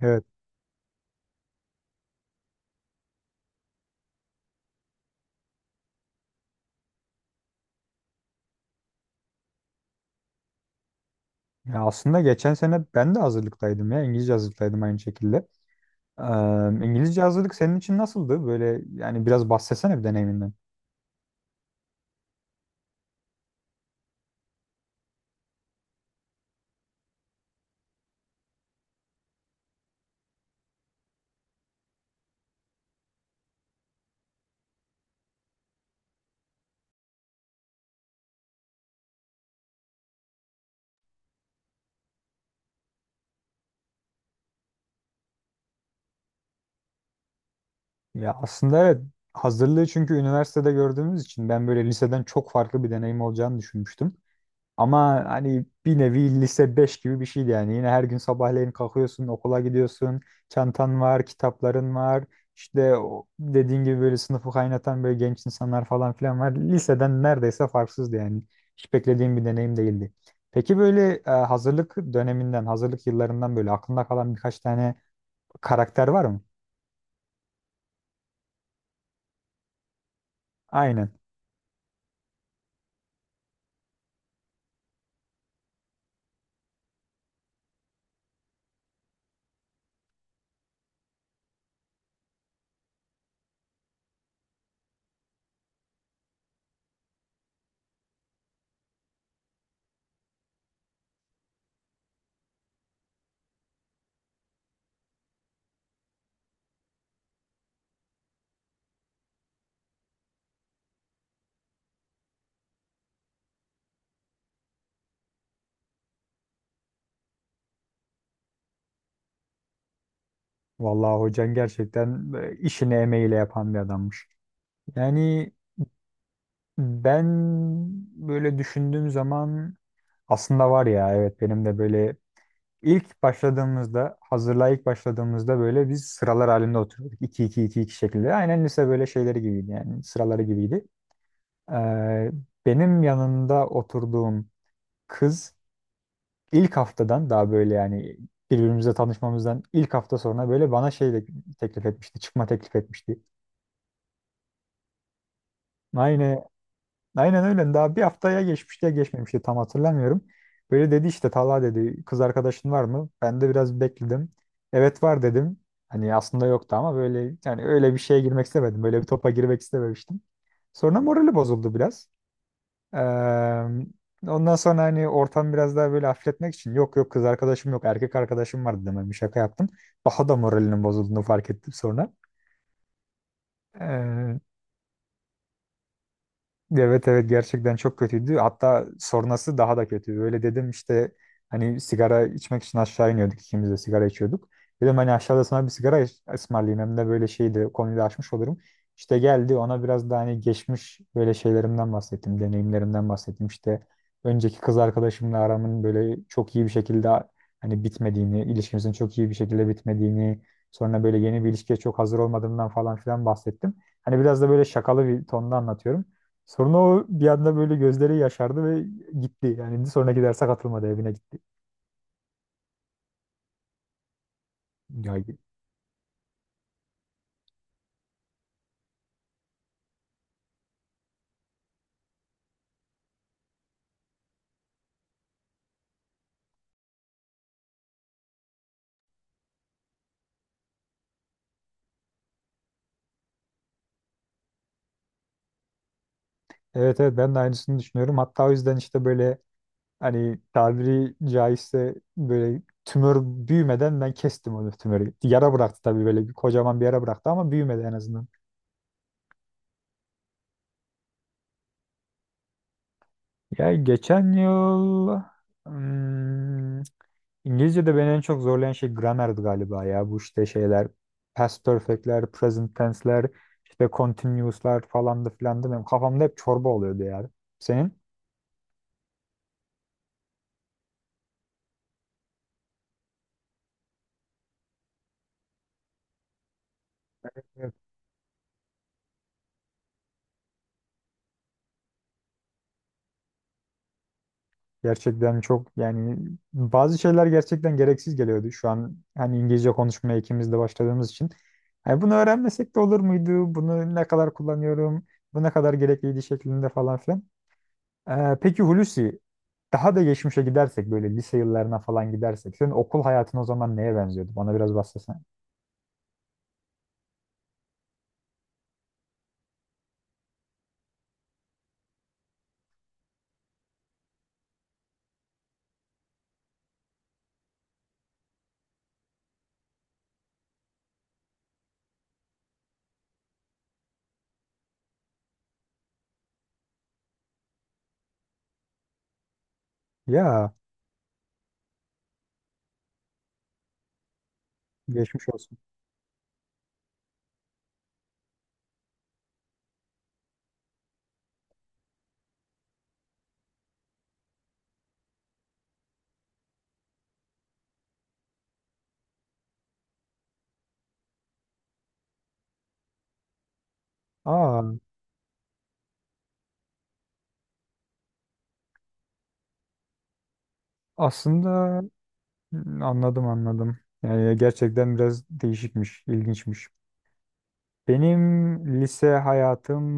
Evet. Ya aslında geçen sene ben de hazırlıktaydım ya. İngilizce hazırlıktaydım aynı şekilde. Ee, İngilizce hazırlık senin için nasıldı? Böyle yani biraz bahsetsene bir deneyiminden. Ya aslında evet hazırlığı çünkü üniversitede gördüğümüz için ben böyle liseden çok farklı bir deneyim olacağını düşünmüştüm. Ama hani bir nevi lise 5 gibi bir şeydi yani. Yine her gün sabahleyin kalkıyorsun, okula gidiyorsun, çantan var, kitapların var. İşte o dediğin gibi böyle sınıfı kaynatan böyle genç insanlar falan filan var. Liseden neredeyse farksızdı yani. Hiç beklediğim bir deneyim değildi. Peki böyle hazırlık döneminden, hazırlık yıllarından böyle aklında kalan birkaç tane karakter var mı? Aynen. Vallahi hocan gerçekten işini emeğiyle yapan bir adammış. Yani ben böyle düşündüğüm zaman aslında var ya, evet benim de böyle ilk başladığımızda hazırlığa ilk başladığımızda böyle biz sıralar halinde oturuyorduk, iki iki iki iki şeklinde. Aynen lise böyle şeyleri gibiydi yani sıraları gibiydi. Ee, benim yanında oturduğum kız ilk haftadan daha böyle yani birbirimize tanışmamızdan ilk hafta sonra böyle bana şey de teklif etmişti. Çıkma teklif etmişti. Aynı Aynen öyle. Daha bir haftaya geçmişti ya geçmemişti tam hatırlamıyorum. Böyle dedi işte, Talha dedi, kız arkadaşın var mı? Ben de biraz bekledim. Evet var dedim. Hani aslında yoktu ama böyle yani öyle bir şeye girmek istemedim. Böyle bir topa girmek istememiştim. Sonra morali bozuldu biraz. Ee, ondan sonra hani ortam biraz daha böyle hafifletmek için yok yok kız arkadaşım yok, erkek arkadaşım var dedim. Hani bir şaka yaptım. Daha da moralinin bozulduğunu fark ettim sonra. Ee, Evet evet gerçekten çok kötüydü. Hatta sonrası daha da kötü. Böyle dedim işte hani sigara içmek için aşağı iniyorduk, ikimiz de sigara içiyorduk. Dedim hani aşağıda sana bir sigara ısmarlayayım, hem de böyle şeyi de konuyu da açmış olurum. İşte geldi ona, biraz da hani geçmiş böyle şeylerimden bahsettim, deneyimlerimden bahsettim. İşte önceki kız arkadaşımla aramın böyle çok iyi bir şekilde hani bitmediğini, ilişkimizin çok iyi bir şekilde bitmediğini, sonra böyle yeni bir ilişkiye çok hazır olmadığımdan falan filan bahsettim. Hani biraz da böyle şakalı bir tonda anlatıyorum. Sonra o bir anda böyle gözleri yaşardı ve gitti. Yani sonraki derse katılmadı, evine gitti. Ya, evet evet ben de aynısını düşünüyorum. Hatta o yüzden işte böyle hani tabiri caizse böyle tümör büyümeden ben kestim onu, tümörü. Yara bıraktı tabii, böyle bir kocaman bir yara bıraktı ama büyümedi en azından. Ya geçen yıl hmm, İngilizce'de beni en çok zorlayan şey gramerdi galiba ya. Bu işte şeyler past perfect'ler, present tense'ler, işte continuous'lar falan da filan da benim kafamda hep çorba oluyordu yani. Senin evet. Gerçekten çok yani bazı şeyler gerçekten gereksiz geliyordu şu an. Hani İngilizce konuşmaya ikimiz de başladığımız için. Hani bunu öğrenmesek de olur muydu? Bunu ne kadar kullanıyorum? Bu ne kadar gerekliydi şeklinde falan filan. Peki Hulusi, daha da geçmişe gidersek böyle lise yıllarına falan gidersek senin okul hayatın o zaman neye benziyordu? Bana biraz bahsetsene. Ya geçmiş olsun. Aa, aslında anladım anladım. Yani gerçekten biraz değişikmiş, ilginçmiş. Benim lise hayatım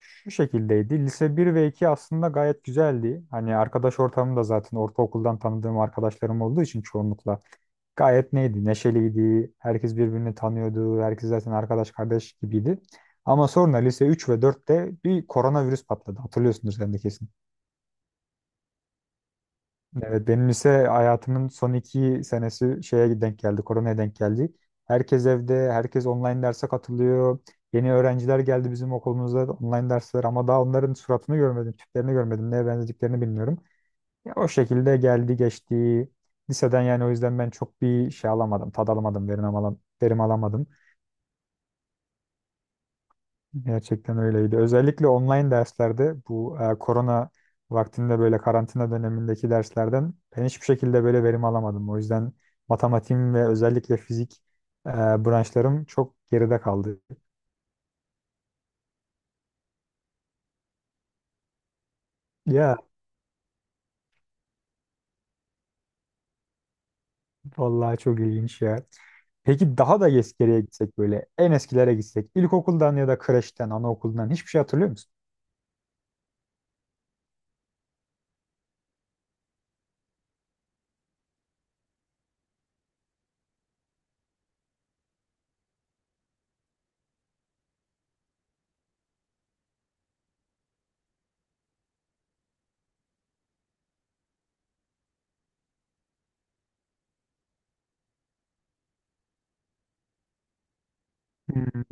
şu şekildeydi. Lise bir ve 2 aslında gayet güzeldi. Hani arkadaş ortamım da zaten ortaokuldan tanıdığım arkadaşlarım olduğu için çoğunlukla gayet neydi? Neşeliydi. Herkes birbirini tanıyordu. Herkes zaten arkadaş kardeş gibiydi. Ama sonra lise 3 ve dörtte bir koronavirüs patladı. Hatırlıyorsundur sen de kesin. Evet, benim lise hayatımın son iki senesi şeye denk geldi. Koronaya denk geldi. Herkes evde. Herkes online derse katılıyor. Yeni öğrenciler geldi bizim okulumuza, online dersler, ama daha onların suratını görmedim, tiplerini görmedim, neye benzediklerini bilmiyorum. Ya o şekilde geldi geçti. Liseden yani, o yüzden ben çok bir şey alamadım, tad alamadım, verim alamadım, verim alamadım. Gerçekten öyleydi. Özellikle online derslerde bu korona vaktinde böyle karantina dönemindeki derslerden ben hiçbir şekilde böyle verim alamadım. O yüzden matematiğim ve özellikle fizik e, branşlarım çok geride kaldı. Ya vallahi çok ilginç ya. Peki daha da geriye gitsek böyle en eskilere gitsek ilkokuldan ya da kreşten, anaokuldan hiçbir şey hatırlıyor musun? Hmm,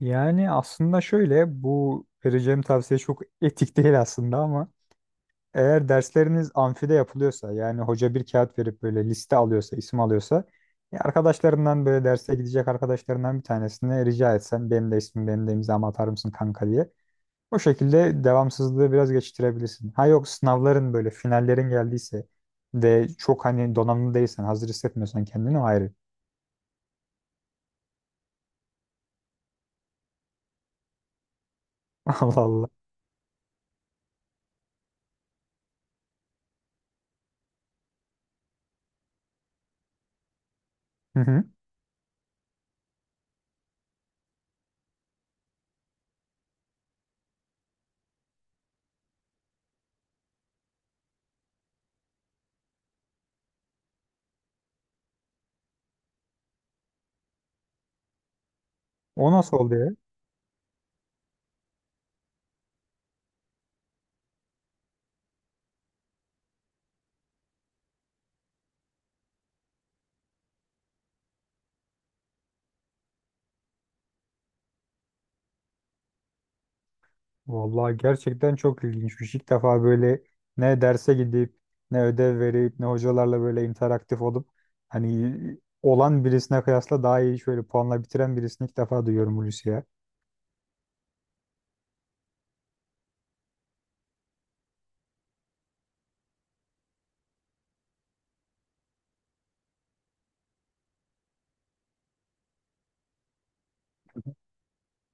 Yani aslında şöyle, bu vereceğim tavsiye çok etik değil aslında ama eğer dersleriniz amfide yapılıyorsa, yani hoca bir kağıt verip böyle liste alıyorsa, isim alıyorsa, ya arkadaşlarından böyle derse gidecek arkadaşlarından bir tanesine rica etsen benim de ismim, benim de imzamı atar mısın kanka diye. O şekilde devamsızlığı biraz geçiştirebilirsin. Ha yok, sınavların böyle finallerin geldiyse de çok hani donanımlı değilsen, hazır hissetmiyorsan kendini, o ayrı. Allah Allah. Hı hı. O nasıl oldu ya? Vallahi gerçekten çok ilginçmiş. İlk defa böyle ne derse gidip ne ödev verip ne hocalarla böyle interaktif olup hani olan birisine kıyasla daha iyi şöyle puanla bitiren birisini ilk defa duyuyorum Hulusi ya.